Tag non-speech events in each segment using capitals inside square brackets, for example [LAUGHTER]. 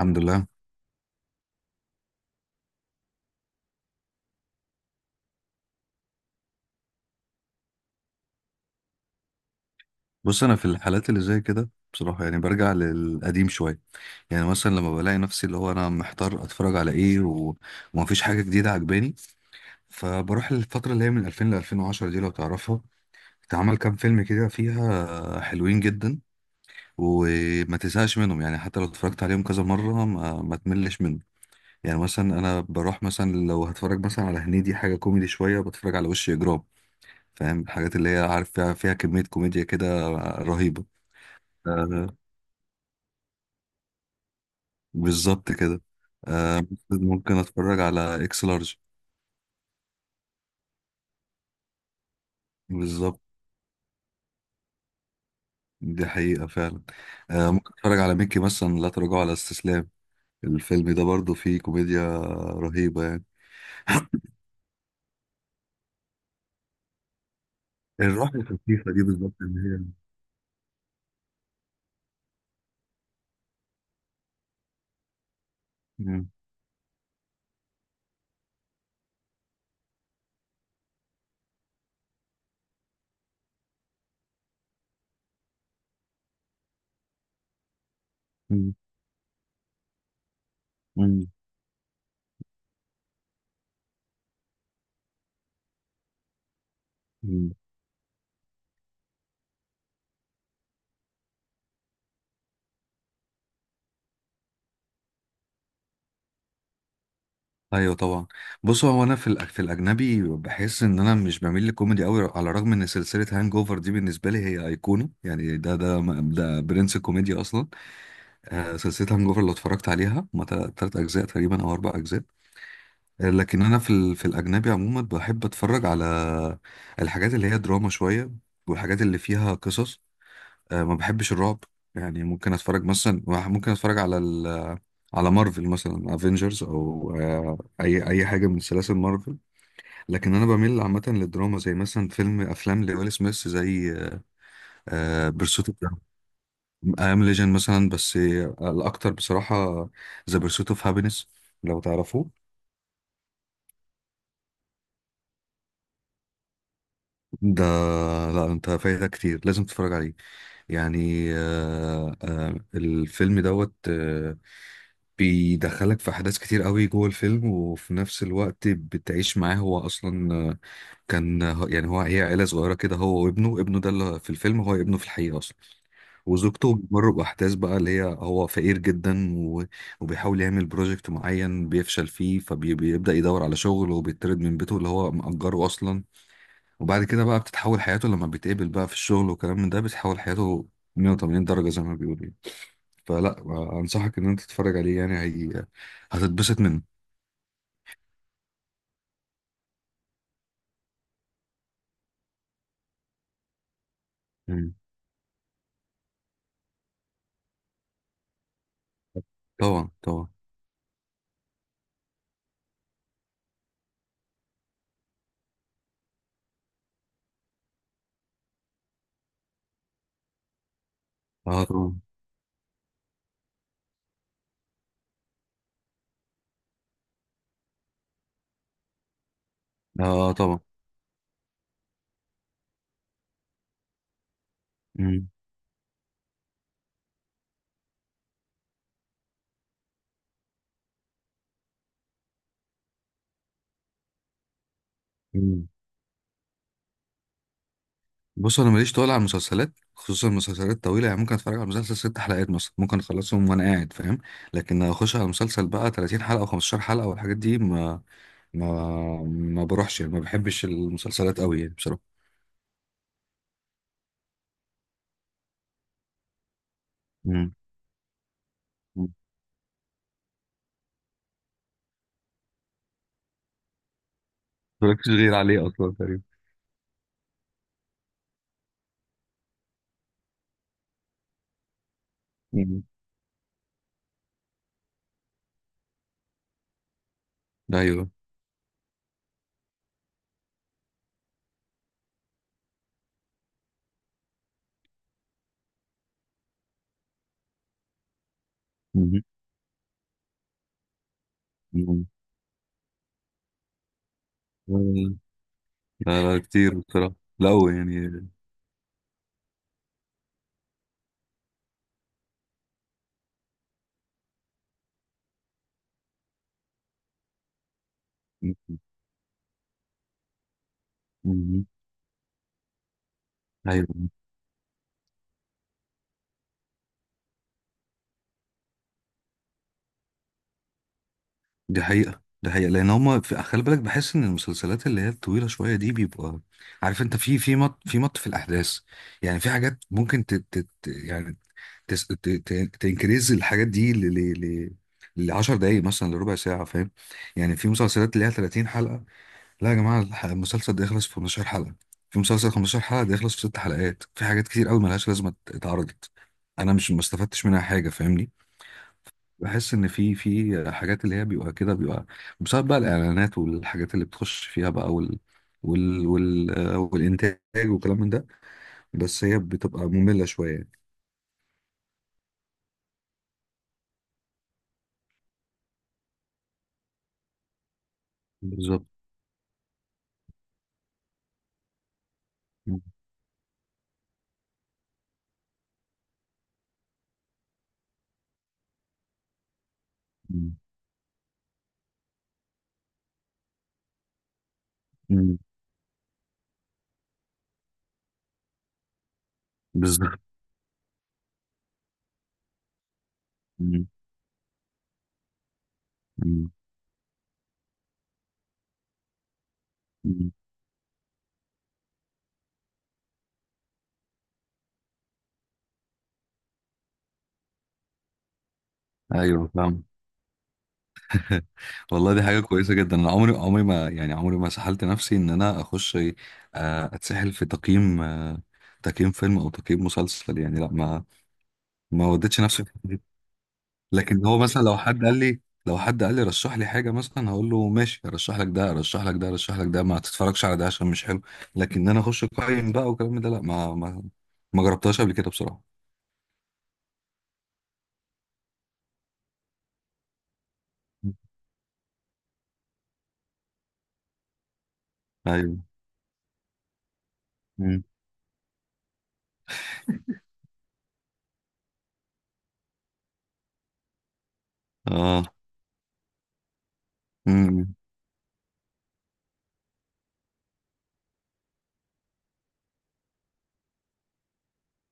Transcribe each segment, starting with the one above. الحمد لله. بص، انا في الحالات اللي زي كده بصراحه يعني برجع للقديم شويه. يعني مثلا لما بلاقي نفسي، اللي هو انا محتار اتفرج على ايه. ومفيش حاجه جديده عجباني، فبروح للفتره اللي هي من 2000 ل 2010، دي لو تعرفها. اتعمل كام فيلم كده فيها حلوين جدا، وما تزهقش منهم، يعني حتى لو اتفرجت عليهم كذا مره، ما تملش منهم. يعني مثلا انا بروح مثلا، لو هتفرج مثلا على هنيدي حاجه كوميدي شويه، بتفرج على وش اجرام. فاهم، الحاجات اللي هي عارف فيها كميه كوميديا كده رهيبه. آه، بالظبط كده. آه، ممكن اتفرج على اكس لارج. بالظبط. دي حقيقة فعلا. آه، ممكن اتفرج على ميكي مثلا لا تراجع على استسلام. الفيلم ده برضو فيه كوميديا رهيبة يعني. الروح الخفيفة دي بالظبط اللي هي. مم. مم. مم. مم. ايوه، طبعا. بصوا، هو انا في الاجنبي بحس ان انا مش بميل للكوميدي قوي، على الرغم ان سلسله هانج اوفر دي بالنسبه لي هي ايقونه، يعني ده برنس الكوميديا اصلا. آه، سلسلة هانج اوفر لو اتفرجت عليها، هما تلات أجزاء تقريبا أو أربع أجزاء. آه، لكن أنا في الأجنبي عموما بحب أتفرج على الحاجات اللي هي دراما شوية، والحاجات اللي فيها قصص. آه، ما بحبش الرعب. يعني ممكن أتفرج مثلا، ممكن أتفرج على مارفل مثلا، افنجرز او آه، اي اي حاجه من سلاسل مارفل. لكن انا بميل عامه للدراما، زي مثلا افلام لويل سميث، زي بيرسوت، I am Legend مثلا. بس الأكتر بصراحة The Pursuit of Happiness، لو تعرفوه. ده، لا أنت فايتك كتير، لازم تتفرج عليه. يعني الفيلم دوت. بيدخلك في أحداث كتير قوي جوه الفيلم، وفي نفس الوقت بتعيش معاه هو أصلا. كان يعني هو، هي عيلة صغيرة كده، هو وابنه، ابنه ده اللي في الفيلم هو ابنه في الحقيقة أصلا. وزوجته بتمر بأحداث بقى، اللي هي هو فقير جدا. وبيحاول يعمل بروجكت معين بيفشل فيه، فبيبدأ يدور على شغل وبيطرد من بيته اللي هو مأجره أصلا. وبعد كده بقى بتتحول حياته، لما بيتقابل بقى في الشغل وكلام من ده بتتحول حياته 180 درجة زي ما بيقولوا يعني. فلا، أنصحك إن أنت تتفرج عليه، يعني هي هتتبسط منه. مم. طبعا، طبعا. اه طبعا، اه طبعا. مم. مم. بص، انا ماليش طول على المسلسلات، خصوصا المسلسلات الطويله، يعني ممكن اتفرج على مسلسل ست حلقات مثلا، ممكن اخلصهم وانا قاعد فاهم. لكن اخش على مسلسل بقى 30 حلقه او 15 حلقه والحاجات دي ما ما بروحش، يعني ما بحبش المسلسلات قوي يعني بصراحه. امم. ما بتفرجش غير عليه اصلا تقريبا. مم. ايوه. مم. مم. لا، لا كتير بصراحه، لا هو يعني. مم. مم. ايوه. دي حقيقة، دي حقيقة، لأن هما في، خلي بالك، بحس إن المسلسلات اللي هي الطويلة شوية دي بيبقى، عارف أنت، في مط في الأحداث. يعني في حاجات ممكن يعني تس... ت... ت... تنكريز الحاجات دي ل... لعشر دقايق مثلا، لربع ساعة، فاهم؟ يعني في مسلسلات اللي هي 30 حلقة، لا يا جماعة، المسلسل ده يخلص في 15 حلقة، في مسلسل 15 حلقة ده يخلص في ست حلقات، في حاجات كتير قوي ملهاش لازمة اتعرضت. أنا مش، ما استفدتش منها حاجة، فاهمني؟ بحس ان في حاجات اللي هي بيبقى كده، بيبقى بسبب بقى الاعلانات والحاجات اللي بتخش فيها بقى، والانتاج وكلام من ده، بس هي بتبقى مملة شوية يعني. بالظبط. مم. مم. بالظبط. مم. مم. مم. ايوه، فاهم. [LAUGHS] والله، دي حاجة كويسة جدا. انا عمري عمري ما يعني عمري ما سحلت نفسي ان انا اخش، اتسحل في تقييم، تقييم فيلم او تقييم مسلسل يعني، لا ما وديتش نفسي. لكن هو مثلا لو حد قال لي رشح لي حاجه مثلا، هقول له ماشي، ارشح لك ده، ارشح لك ده، ارشح لك ده، ما تتفرجش على ده عشان مش حلو. لكن انا اخش اقيم بقى والكلام ده، لا، ما جربتهاش قبل كده بصراحه. ايوه. مم. اه. مم.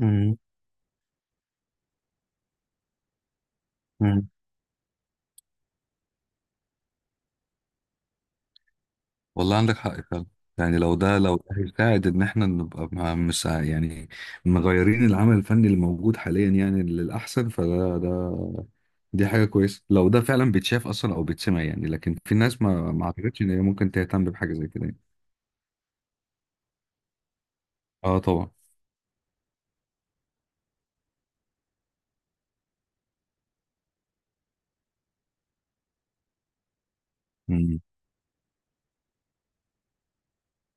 مم. مم. والله عندك حق فعلا. يعني لو ده هيساعد ان احنا نبقى يعني مغيرين العمل الفني اللي موجود حاليا يعني للاحسن، فده. دي حاجه كويسه لو ده فعلا بيتشاف اصلا او بيتسمع يعني، لكن في ناس ما اعتقدش ان هي ممكن تهتم بحاجه زي كده يعني. اه، طبعا. امم.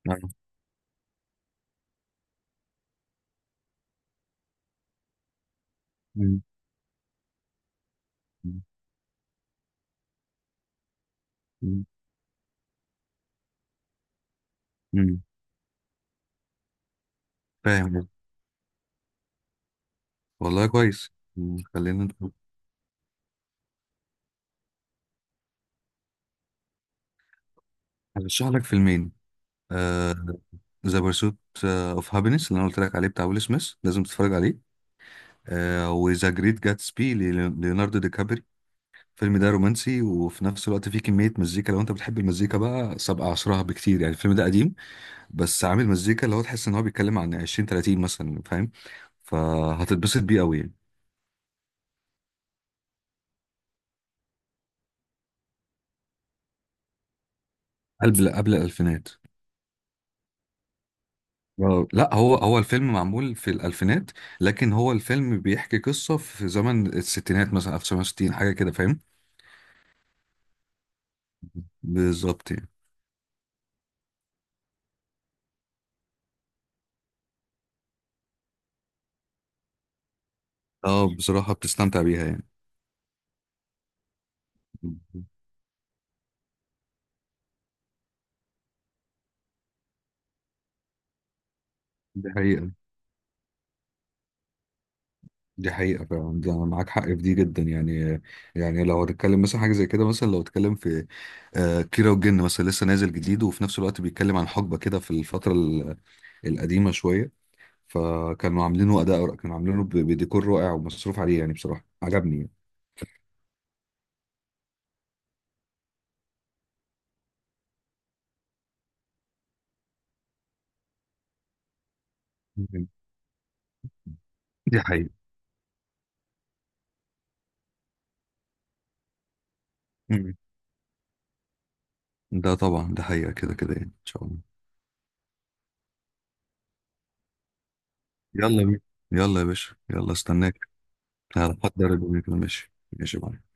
أيوة. أمم. أمم. أمم. فاهم. والله كويس. أمم. خلينا نشوف. هرشح لك فيلمين. ذا بيرسوت اوف هابينس اللي انا قلت لك عليه بتاع ويل سميث، لازم تتفرج عليه. آه، وذا جريت جاتسبي، ليوناردو دي كابري. الفيلم ده رومانسي وفي نفس الوقت فيه كمية مزيكا، لو انت بتحب المزيكا بقى، سابقة عصرها بكتير، يعني الفيلم ده قديم بس عامل مزيكا اللي هو تحس ان هو بيتكلم عن 20 30 مثلا، فاهم؟ فهتتبسط بيه قوي يعني. قبل الألفينات. آه، لا، هو الفيلم معمول في الألفينات، لكن هو الفيلم بيحكي قصة في زمن الستينات مثلا، 1960 حاجة كده، فاهم؟ بالظبط يعني. اه، بصراحة بتستمتع بيها يعني. دي حقيقة، دي حقيقة فعلا، ده أنا معاك حق في دي جدا يعني. يعني لو هتتكلم مثلا حاجة زي كده، مثلا لو اتكلم في كيرة والجن مثلا لسه نازل جديد، وفي نفس الوقت بيتكلم عن حقبة كده في الفترة القديمة شوية، فكانوا عاملينه أداء، كانوا عاملينه بديكور رائع ومصروف عليه، يعني بصراحة عجبني يعني. مم. دي حقيقة. مم. ده طبعا، ده حقيقة كده كده يعني، إن شاء الله. يلا يا بيه. يلا يا باشا، يلا استناك. هحضر الدنيا كده، ماشي ماشي يا معلم.